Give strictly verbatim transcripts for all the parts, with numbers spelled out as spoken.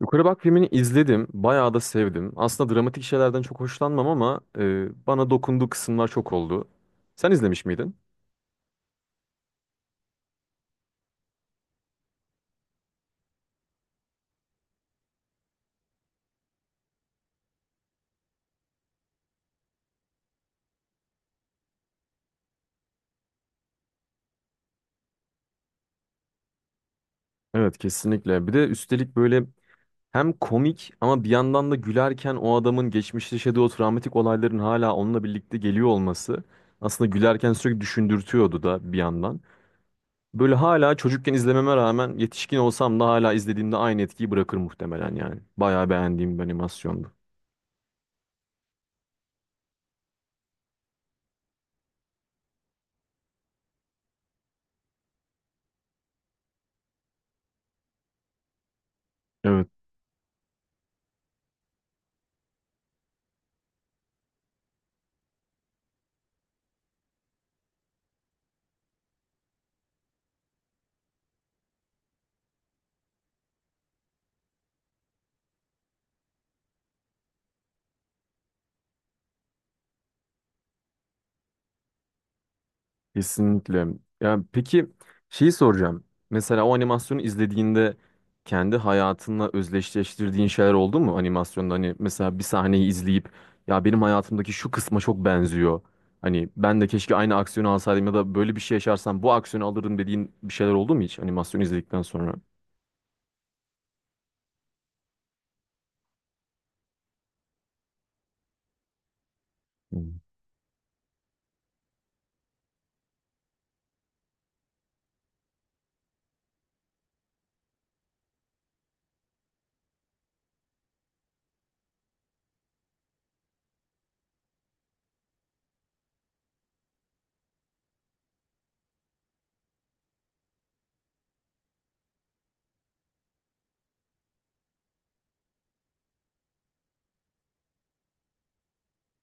Yukarı Bak filmini izledim. Bayağı da sevdim. Aslında dramatik şeylerden çok hoşlanmam ama e, bana dokunduğu kısımlar çok oldu. Sen izlemiş miydin? Evet, kesinlikle. Bir de üstelik böyle hem komik ama bir yandan da gülerken o adamın geçmişte yaşadığı o travmatik olayların hala onunla birlikte geliyor olması aslında gülerken sürekli düşündürtüyordu da bir yandan. Böyle hala çocukken izlememe rağmen yetişkin olsam da hala izlediğimde aynı etkiyi bırakır muhtemelen yani. Bayağı beğendiğim bir animasyondu. Evet. Kesinlikle. Ya peki, şeyi soracağım. Mesela o animasyonu izlediğinde kendi hayatınla özdeşleştirdiğin şeyler oldu mu animasyonda? Hani mesela bir sahneyi izleyip ya benim hayatımdaki şu kısma çok benziyor. Hani ben de keşke aynı aksiyonu alsaydım ya da böyle bir şey yaşarsam bu aksiyonu alırdım dediğin bir şeyler oldu mu hiç animasyonu izledikten sonra?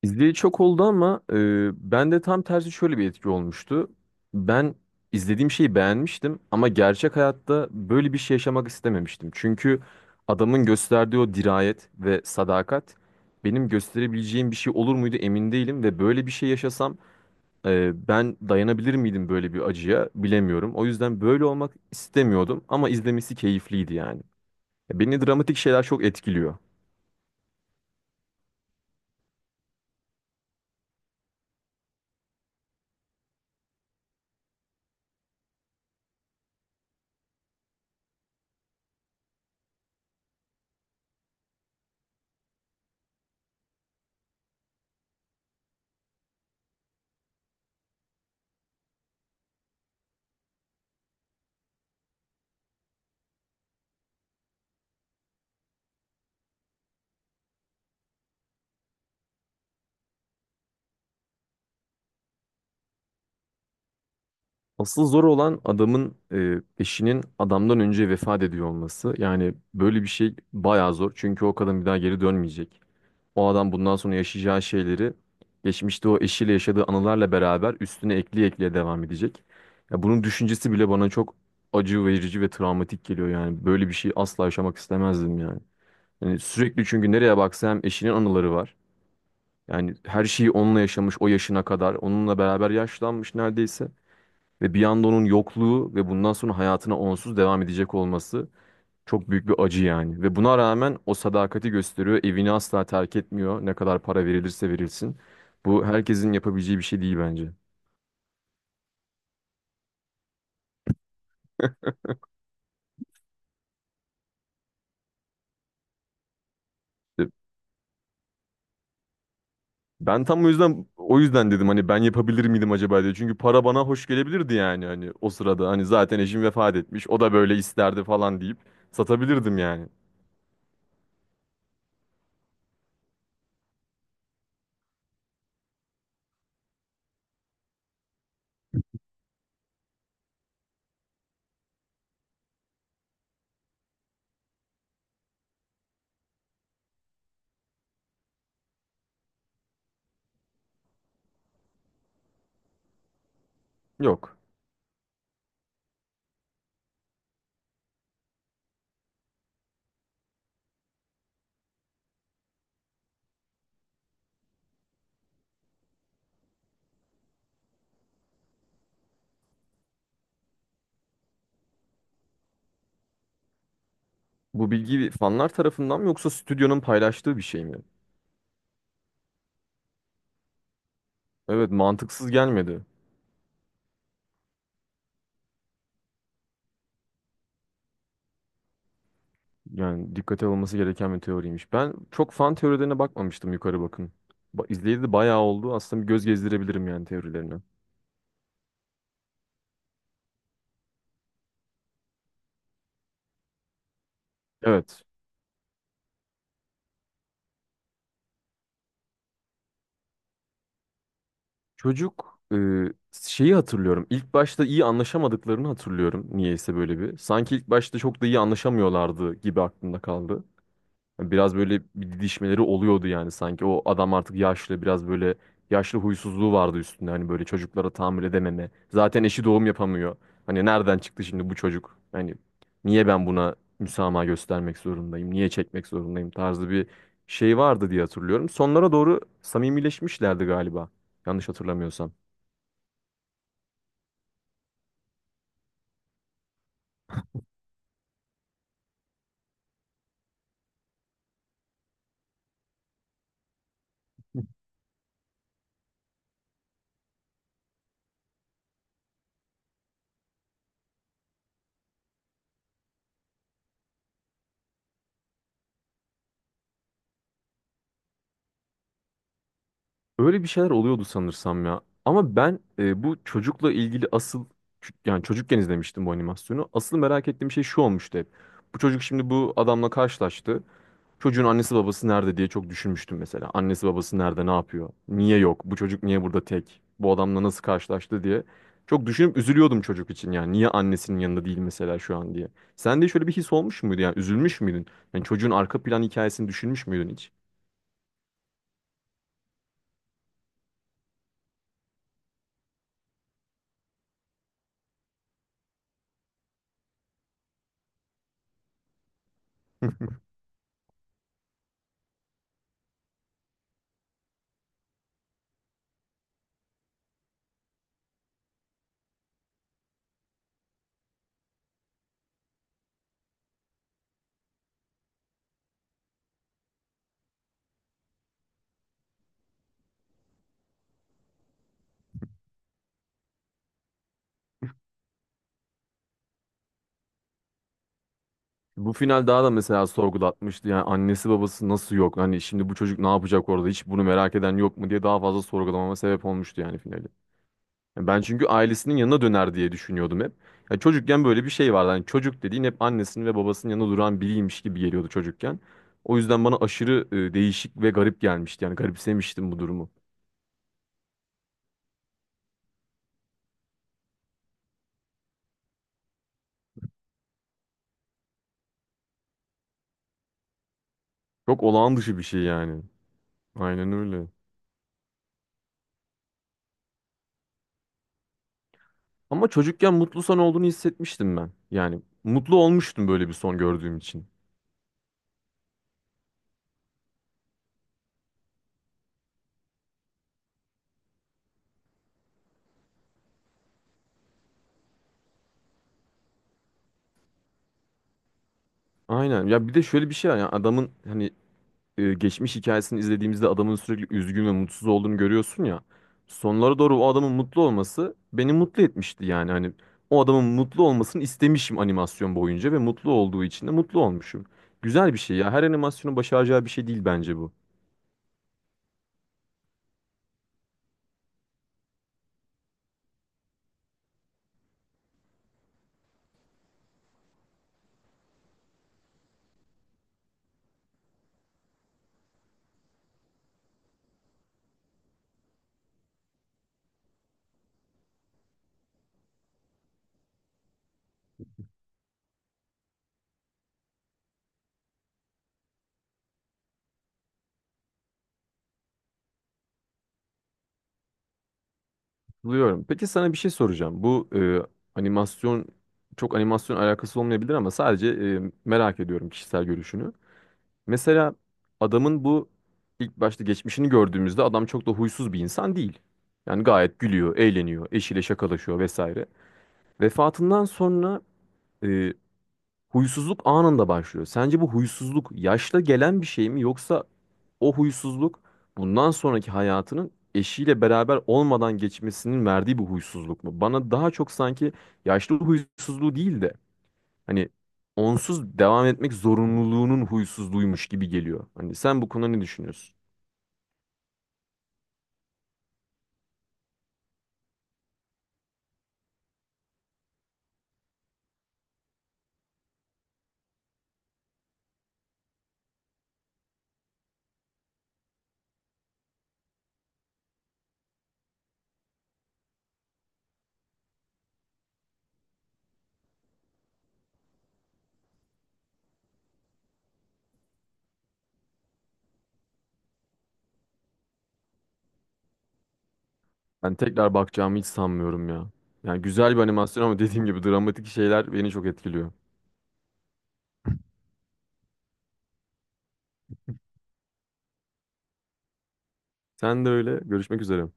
İzleyeli çok oldu ama e, ben de tam tersi şöyle bir etki olmuştu. Ben izlediğim şeyi beğenmiştim ama gerçek hayatta böyle bir şey yaşamak istememiştim. Çünkü adamın gösterdiği o dirayet ve sadakat benim gösterebileceğim bir şey olur muydu emin değilim ve böyle bir şey yaşasam e, ben dayanabilir miydim böyle bir acıya bilemiyorum. O yüzden böyle olmak istemiyordum ama izlemesi keyifliydi yani. Beni dramatik şeyler çok etkiliyor. Asıl zor olan adamın e, eşinin adamdan önce vefat ediyor olması. Yani böyle bir şey bayağı zor. Çünkü o kadın bir daha geri dönmeyecek. O adam bundan sonra yaşayacağı şeyleri geçmişte o eşiyle yaşadığı anılarla beraber üstüne ekleye ekleye devam edecek. Ya bunun düşüncesi bile bana çok acı verici ve travmatik geliyor yani. Böyle bir şey asla yaşamak istemezdim yani. Yani sürekli çünkü nereye baksa hem eşinin anıları var. Yani her şeyi onunla yaşamış o yaşına kadar. Onunla beraber yaşlanmış neredeyse. Ve bir anda onun yokluğu ve bundan sonra hayatına onsuz devam edecek olması çok büyük bir acı yani. Ve buna rağmen o sadakati gösteriyor. Evini asla terk etmiyor. Ne kadar para verilirse verilsin. Bu herkesin yapabileceği bir şey değil bence. E, ben tam o yüzden o yüzden dedim hani ben yapabilir miydim acaba diye. Çünkü para bana hoş gelebilirdi yani hani o sırada hani zaten eşim vefat etmiş. O da böyle isterdi falan deyip satabilirdim yani. Yok. Bu bilgi fanlar tarafından mı yoksa stüdyonun paylaştığı bir şey mi? Evet, mantıksız gelmedi. Yani dikkate alınması gereken bir teoriymiş. Ben çok fan teorilerine bakmamıştım yukarı bakın. Ba izleyeli de bayağı oldu. Aslında bir göz gezdirebilirim yani teorilerine. Evet. Çocuk, e, şeyi hatırlıyorum. İlk başta iyi anlaşamadıklarını hatırlıyorum. Niyeyse böyle bir. Sanki ilk başta çok da iyi anlaşamıyorlardı gibi aklımda kaldı. Biraz böyle bir didişmeleri oluyordu yani sanki. O adam artık yaşlı, biraz böyle yaşlı huysuzluğu vardı üstünde. Hani böyle çocuklara tahammül edememe. Zaten eşi doğum yapamıyor. Hani nereden çıktı şimdi bu çocuk? Hani niye ben buna müsamaha göstermek zorundayım? Niye çekmek zorundayım tarzı bir şey vardı diye hatırlıyorum. Sonlara doğru samimileşmişlerdi galiba. Yanlış hatırlamıyorsam. Öyle bir şeyler oluyordu sanırsam ya. Ama ben, e, bu çocukla ilgili asıl ç- yani çocukken izlemiştim bu animasyonu. Asıl merak ettiğim şey şu olmuştu hep. Bu çocuk şimdi bu adamla karşılaştı. Çocuğun annesi babası nerede diye çok düşünmüştüm mesela. Annesi babası nerede, ne yapıyor? Niye yok? Bu çocuk niye burada tek? Bu adamla nasıl karşılaştı diye. Çok düşünüp üzülüyordum çocuk için yani. Niye annesinin yanında değil mesela şu an diye. Sen de şöyle bir his olmuş muydu yani? Üzülmüş müydün? Yani çocuğun arka plan hikayesini düşünmüş müydün hiç? Bu final daha da mesela sorgulatmıştı. Yani annesi babası nasıl yok? Hani şimdi bu çocuk ne yapacak orada? Hiç bunu merak eden yok mu diye daha fazla sorgulamama sebep olmuştu yani finali. Yani ben çünkü ailesinin yanına döner diye düşünüyordum hep. Yani çocukken böyle bir şey vardı. Hani çocuk dediğin hep annesinin ve babasının yanında duran biriymiş gibi geliyordu çocukken. O yüzden bana aşırı e, değişik ve garip gelmişti. Yani garipsemiştim bu durumu. Çok olağan dışı bir şey yani. Aynen öyle. Ama çocukken mutlu son olduğunu hissetmiştim ben. Yani mutlu olmuştum böyle bir son gördüğüm için. Aynen. Ya bir de şöyle bir şey var. Yani adamın hani e, geçmiş hikayesini izlediğimizde adamın sürekli üzgün ve mutsuz olduğunu görüyorsun ya. Sonlara doğru o adamın mutlu olması beni mutlu etmişti yani. Hani o adamın mutlu olmasını istemişim animasyon boyunca ve mutlu olduğu için de mutlu olmuşum. Güzel bir şey ya. Her animasyonun başaracağı bir şey değil bence bu. Buluyorum. Peki sana bir şey soracağım. Bu e, animasyon çok animasyon alakası olmayabilir ama sadece e, merak ediyorum kişisel görüşünü. Mesela adamın bu ilk başta geçmişini gördüğümüzde adam çok da huysuz bir insan değil. Yani gayet gülüyor, eğleniyor, eşiyle şakalaşıyor vesaire. Vefatından sonra e, huysuzluk anında başlıyor. Sence bu huysuzluk yaşla gelen bir şey mi yoksa o huysuzluk bundan sonraki hayatının eşiyle beraber olmadan geçmesinin verdiği bir huysuzluk mu? Bana daha çok sanki yaşlı huysuzluğu değil de hani onsuz devam etmek zorunluluğunun huysuzluğuymuş gibi geliyor. Hani sen bu konuda ne düşünüyorsun? Ben tekrar bakacağımı hiç sanmıyorum ya. Yani güzel bir animasyon ama dediğim gibi dramatik şeyler beni çok etkiliyor. Sen de öyle. Görüşmek üzere.